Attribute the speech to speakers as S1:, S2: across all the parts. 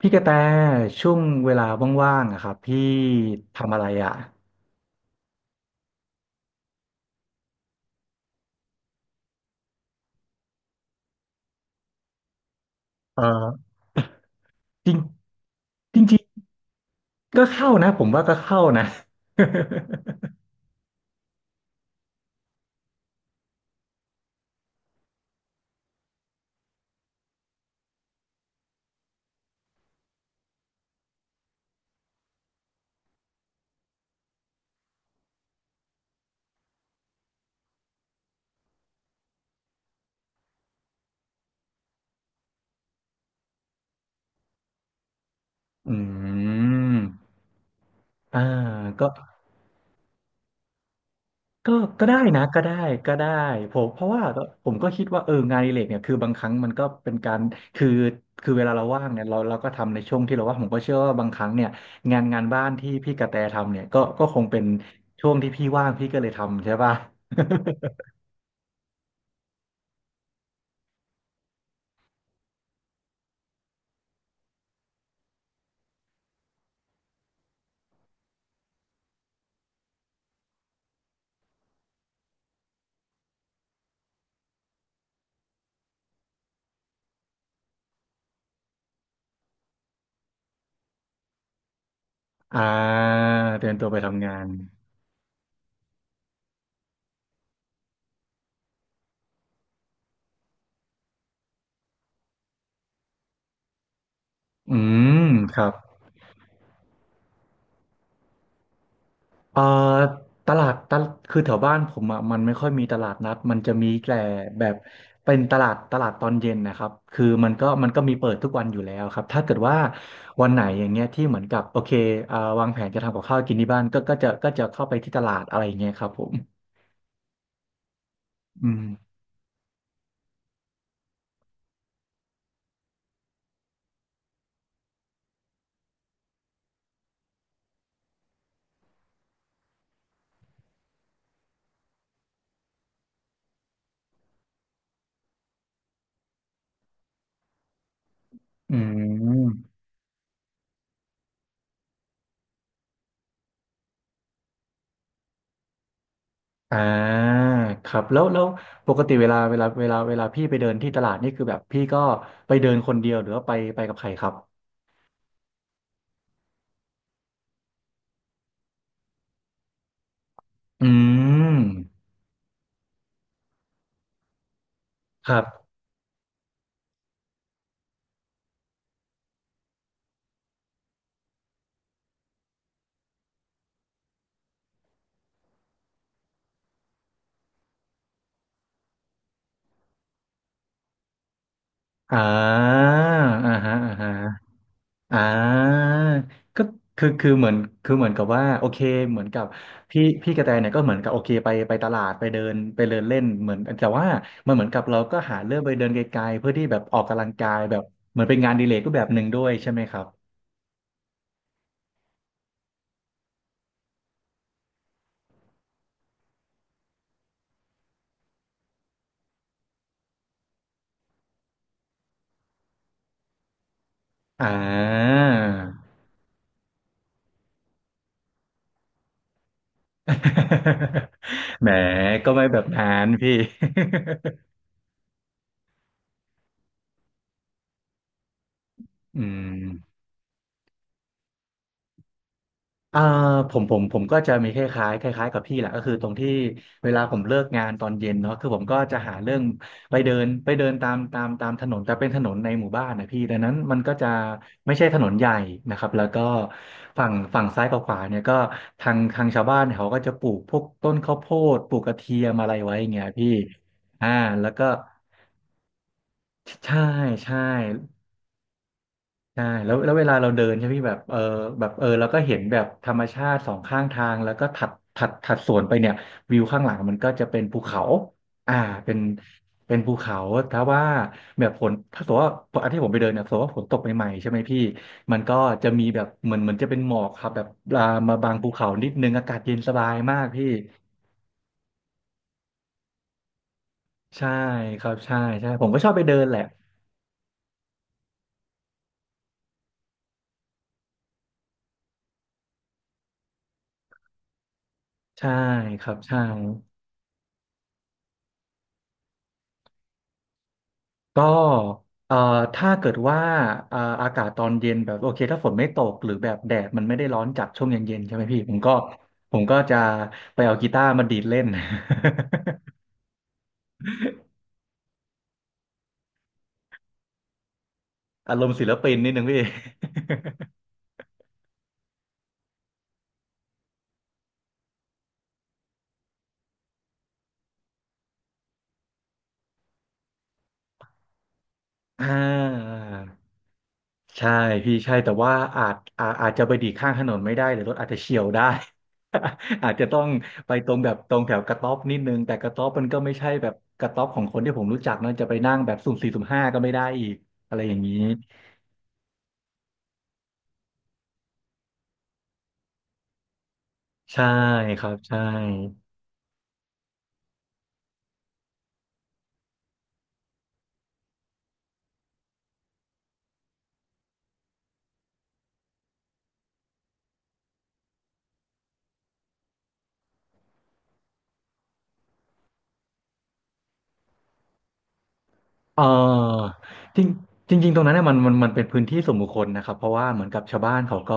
S1: พี่กระแตช่วงเวลาว่างๆอะครับพี่ทำอะไรอ่ะเออจริงจริงๆก็เข้านะผมว่าก็เข้านะ อืมอ่าก็ก็ก็ได้นะก็ได้ก็ได้ผมเพราะว่าผมก็คิดว่าเอองานอดิเรกเนี่ยคือบางครั้งมันก็เป็นการคือคือเวลาเราว่างเนี่ยเราก็ทำในช่วงที่เราว่างผมก็เชื่อว่าบางครั้งเนี่ยงานบ้านที่พี่กระแตทำเนี่ยก็คงเป็นช่วงที่พี่ว่างพี่ก็เลยทำใช่ป่ะ อ่าเตรียมตัวไปทำงานอืมครับเอ่อตลาดตลคือแถวบ้านผมอ่ะมันไม่ค่อยมีตลาดนัดมันจะมีแต่แบบเป็นตลาดตอนเย็นนะครับคือมันก็มีเปิดทุกวันอยู่แล้วครับถ้าเกิดว่าวันไหนอย่างเงี้ยที่เหมือนกับโอเคเอ่าวางแผนจะทำกับข้าวกินที่บ้านก็จะเข้าไปที่ตลาดอะไรอย่างเงี้ยครับผมอืมอืม อ่าครับ แล้วปกติเวลาพี่ไปเดินที่ตลาดนี่คือแบบพี่ก็ไปเดินคนเดียวหรือว่าไปกับใครครับอืมครับอ่าอ่าฮะอ่าฮะอ่าก็คือคือเหมือนคือเหมือนกับว่าโอเคเหมือนกับพี่กระแตเนี่ยก็เหมือนกับโอเคไปตลาดไปเดินเล่นเหมือนแต่ว่ามันเหมือนกับเราก็หาเรื่องไปเดินไกลๆเพื่อที่แบบออกกำลังกายแบบเหมือนเป็นงานอดีเลกรูปแบบหนึ่งด้วยใช่ไหมครับอ่า แหมก็ไม่แบบนั้นพี่ อืมอ่าผมก็จะมีคล้ายๆคล้ายๆกับพี่แหละก็คือตรงที่เวลาผมเลิกงานตอนเย็นเนาะคือผมก็จะหาเรื่องไปเดินไปเดินตามตามตามถนนแต่เป็นถนนในหมู่บ้านนะพี่ดังนั้นมันก็จะไม่ใช่ถนนใหญ่นะครับแล้วก็ฝั่งซ้ายกับขวาเนี่ยก็ทางชาวบ้านเนี่ยเขาก็จะปลูกพวกต้นข้าวโพดปลูกกระเทียมอะไรไว้อย่างเงี้ยพี่อ่าแล้วก็ใช่ใช่ ใช่แล้วแล้วเวลาเราเดินใช่ไหมพี่แบบเออแบบเออเราก็เห็นแบบธรรมชาติสองข้างทางแล้วก็ถัดสวนไปเนี่ยวิวข้างหลังมันก็จะเป็นภูเขาอ่าเป็นเป็นภูเขาถ้าว่าแบบฝนถ้าสมมติว่าอันที่ผมไปเดินเนี่ยสมมติว่าฝนตกใหม่ๆใช่ไหมพี่มันก็จะมีแบบเหมือนจะเป็นหมอกครับแบบลามาบางภูเขานิดนึงอากาศเย็นสบายมากพี่ใช่ครับใช่ใช่ผมก็ชอบไปเดินแหละใช่ครับใช่ ก็เอ่อถ้าเกิดว่าอากาศตอนเย็นแบบโอเคถ้าฝนไม่ตกหรือแบบแดดมันไม่ได้ร้อนจัดช่วงเย็นๆใช่ไหมพี่ผมก็จะไปเอากีตาร์มาดีดเล่น อารมณ์ศิลปินนิดนึงพี่ อ่าใช่พี่ใช่แต่ว่าอาจจะไปดีดข้างถนนไม่ได้หรือรถอาจจะเฉี่ยวได้ อาจจะต้องไปตรงแบบตรงแถวกระต๊อบนิดนึงแต่กระต๊อบมันก็ไม่ใช่แบบกระต๊อบของคนที่ผมรู้จักเนอะจะไปนั่งแบบสุ่มสี่สุ่มห้าก็ไม่ได้อีกอะไรอย่างนี้ ใช่ครับใช่ เออจริงจริงๆตรงนั้นเนี่ยมันเป็นพื้นที่ส่วนบุคคลนะครับเพราะว่าเหมือนกับชาวบ้านเขาก็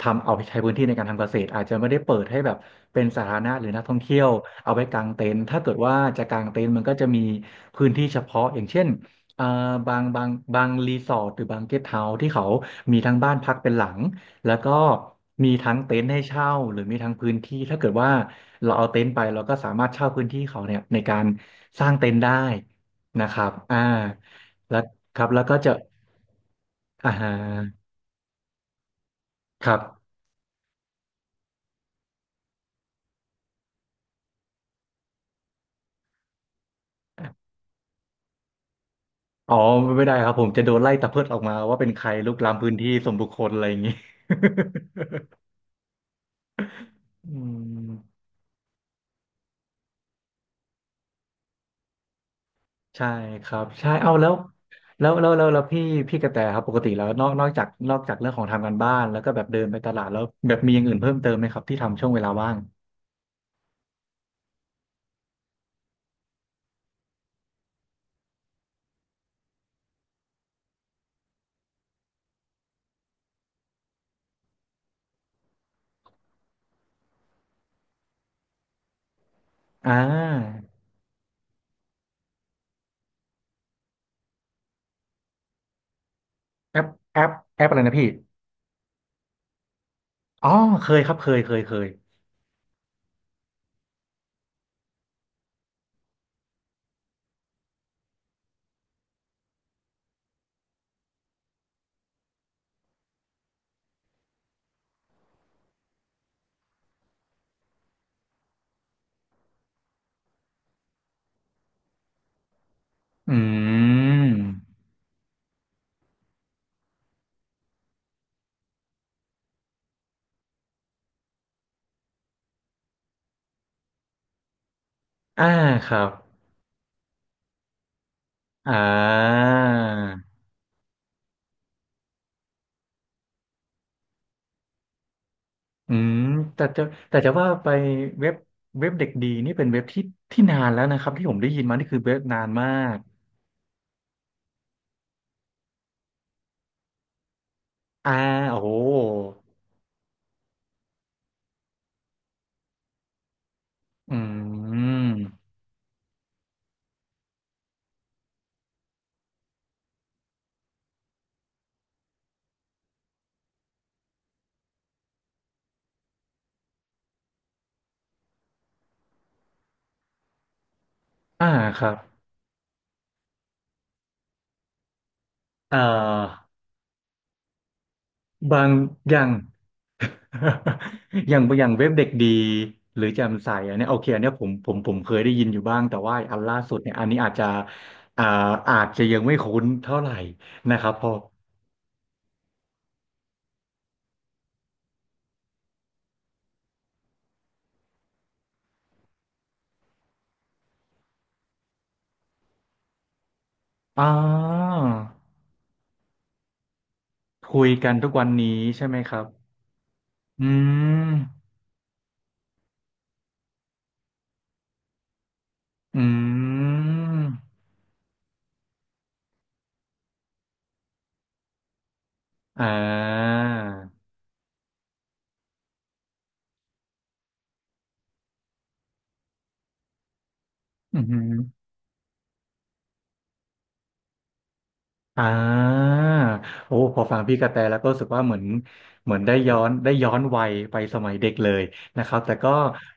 S1: ทำเอาไปใช้พื้นที่ในการทำเกษตรอาจจะไม่ได้เปิดให้แบบเป็นสาธารณะหรือนักท่องเที่ยวเอาไปกางเต็นท์ถ้าเกิดว่าจะกางเต็นท์มันก็จะมีพื้นที่เฉพาะอย่างเช่นเอ่อบางบางบางรีสอร์ทหรือบางเกสต์เฮาส์ที่เขามีทั้งบ้านพักเป็นหลังแล้วก็มีทั้งเต็นท์ให้เช่าหรือมีทั้งพื้นที่ถ้าเกิดว่าเราเอาเต็นท์ไปเราก็สามารถเช่าพื้นที่เขาเนี่ยในการสร้างเต็นท์ได้ นะครับอ่าแล้วครับแล้วก็จะอ่าฮะครับอ๋อไม่ได้ครับผมจะโดนไล่ตะเพิดออกมาว่าเป็นใครลุกล้ำพื้นที่ส่วนบุคคลอะไรอย่างนี้ อืมใช่ครับ ใช่เอาแล้วแล้วพี่กระแตครับปกติแล้วนอกจากเรื่องของทำการบ้านแล้วก็แบบเดินไปตลาดแล้วแบบมีอย่างอื่นเพิ่มเติมไหมครับที่ทำช่วงเวลาว่างอ่าแอปแอปแอปอะไรนะพี่อ๋อเคยครับเคยเคยอืมอ่าครับ อ่าอืมแต่จะแต่จะว่าไปเว็บเว็บเด็กดีนี่เป็นเว็บที่ที่นานแล้วนะครับที่ผมได้ยินมานี่คือเว็บนานมากอ่าโอ้โหอืมอ่าครับเอ่อบางอย่าง อย่างอย่างเว็บเด็กดีหรือแจ่มใสอันเนี้ยโอเคอันเนี้ยผมเคยได้ยินอยู่บ้างแต่ว่าอันล่าสุดเนี่ยอันนี้อาจจะอ่าอาจจะยังไม่คุ้นเท่าไหร่นะครับพออ่า คุยกันทุกวันนี้ใช่ไหมครับอืมอืมอ่าอืมอหืออ่าโอ้พอฟังพี่กระแตแล้วก็รู้สึกว่าเหมือนได้ย้อนย้อนวัยไปสมัยเด็กเลยนะครับแต่ก็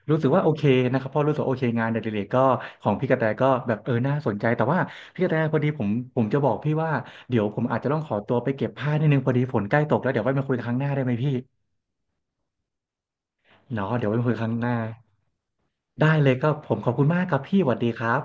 S1: รู้สึกว่าโอเคนะครับเพราะรู้สึกว่าโอเคงานอดิเรกก็ของพี่กระแตก็แบบเออน่าสนใจแต่ว่าพี่กระแตพอดีผมจะบอกพี่ว่าเดี๋ยวผมอาจจะต้องขอตัวไปเก็บผ้านิดนึงพอดีฝนใกล้ตกแล้วเดี๋ยวไว้มาคุยครั้งหน้าได้ไหมพี่เนาะเดี๋ยวไว้มาคุยครั้งหน้า ได้เลยก็ผมขอบคุณมากครับพี่หวัดดีครับ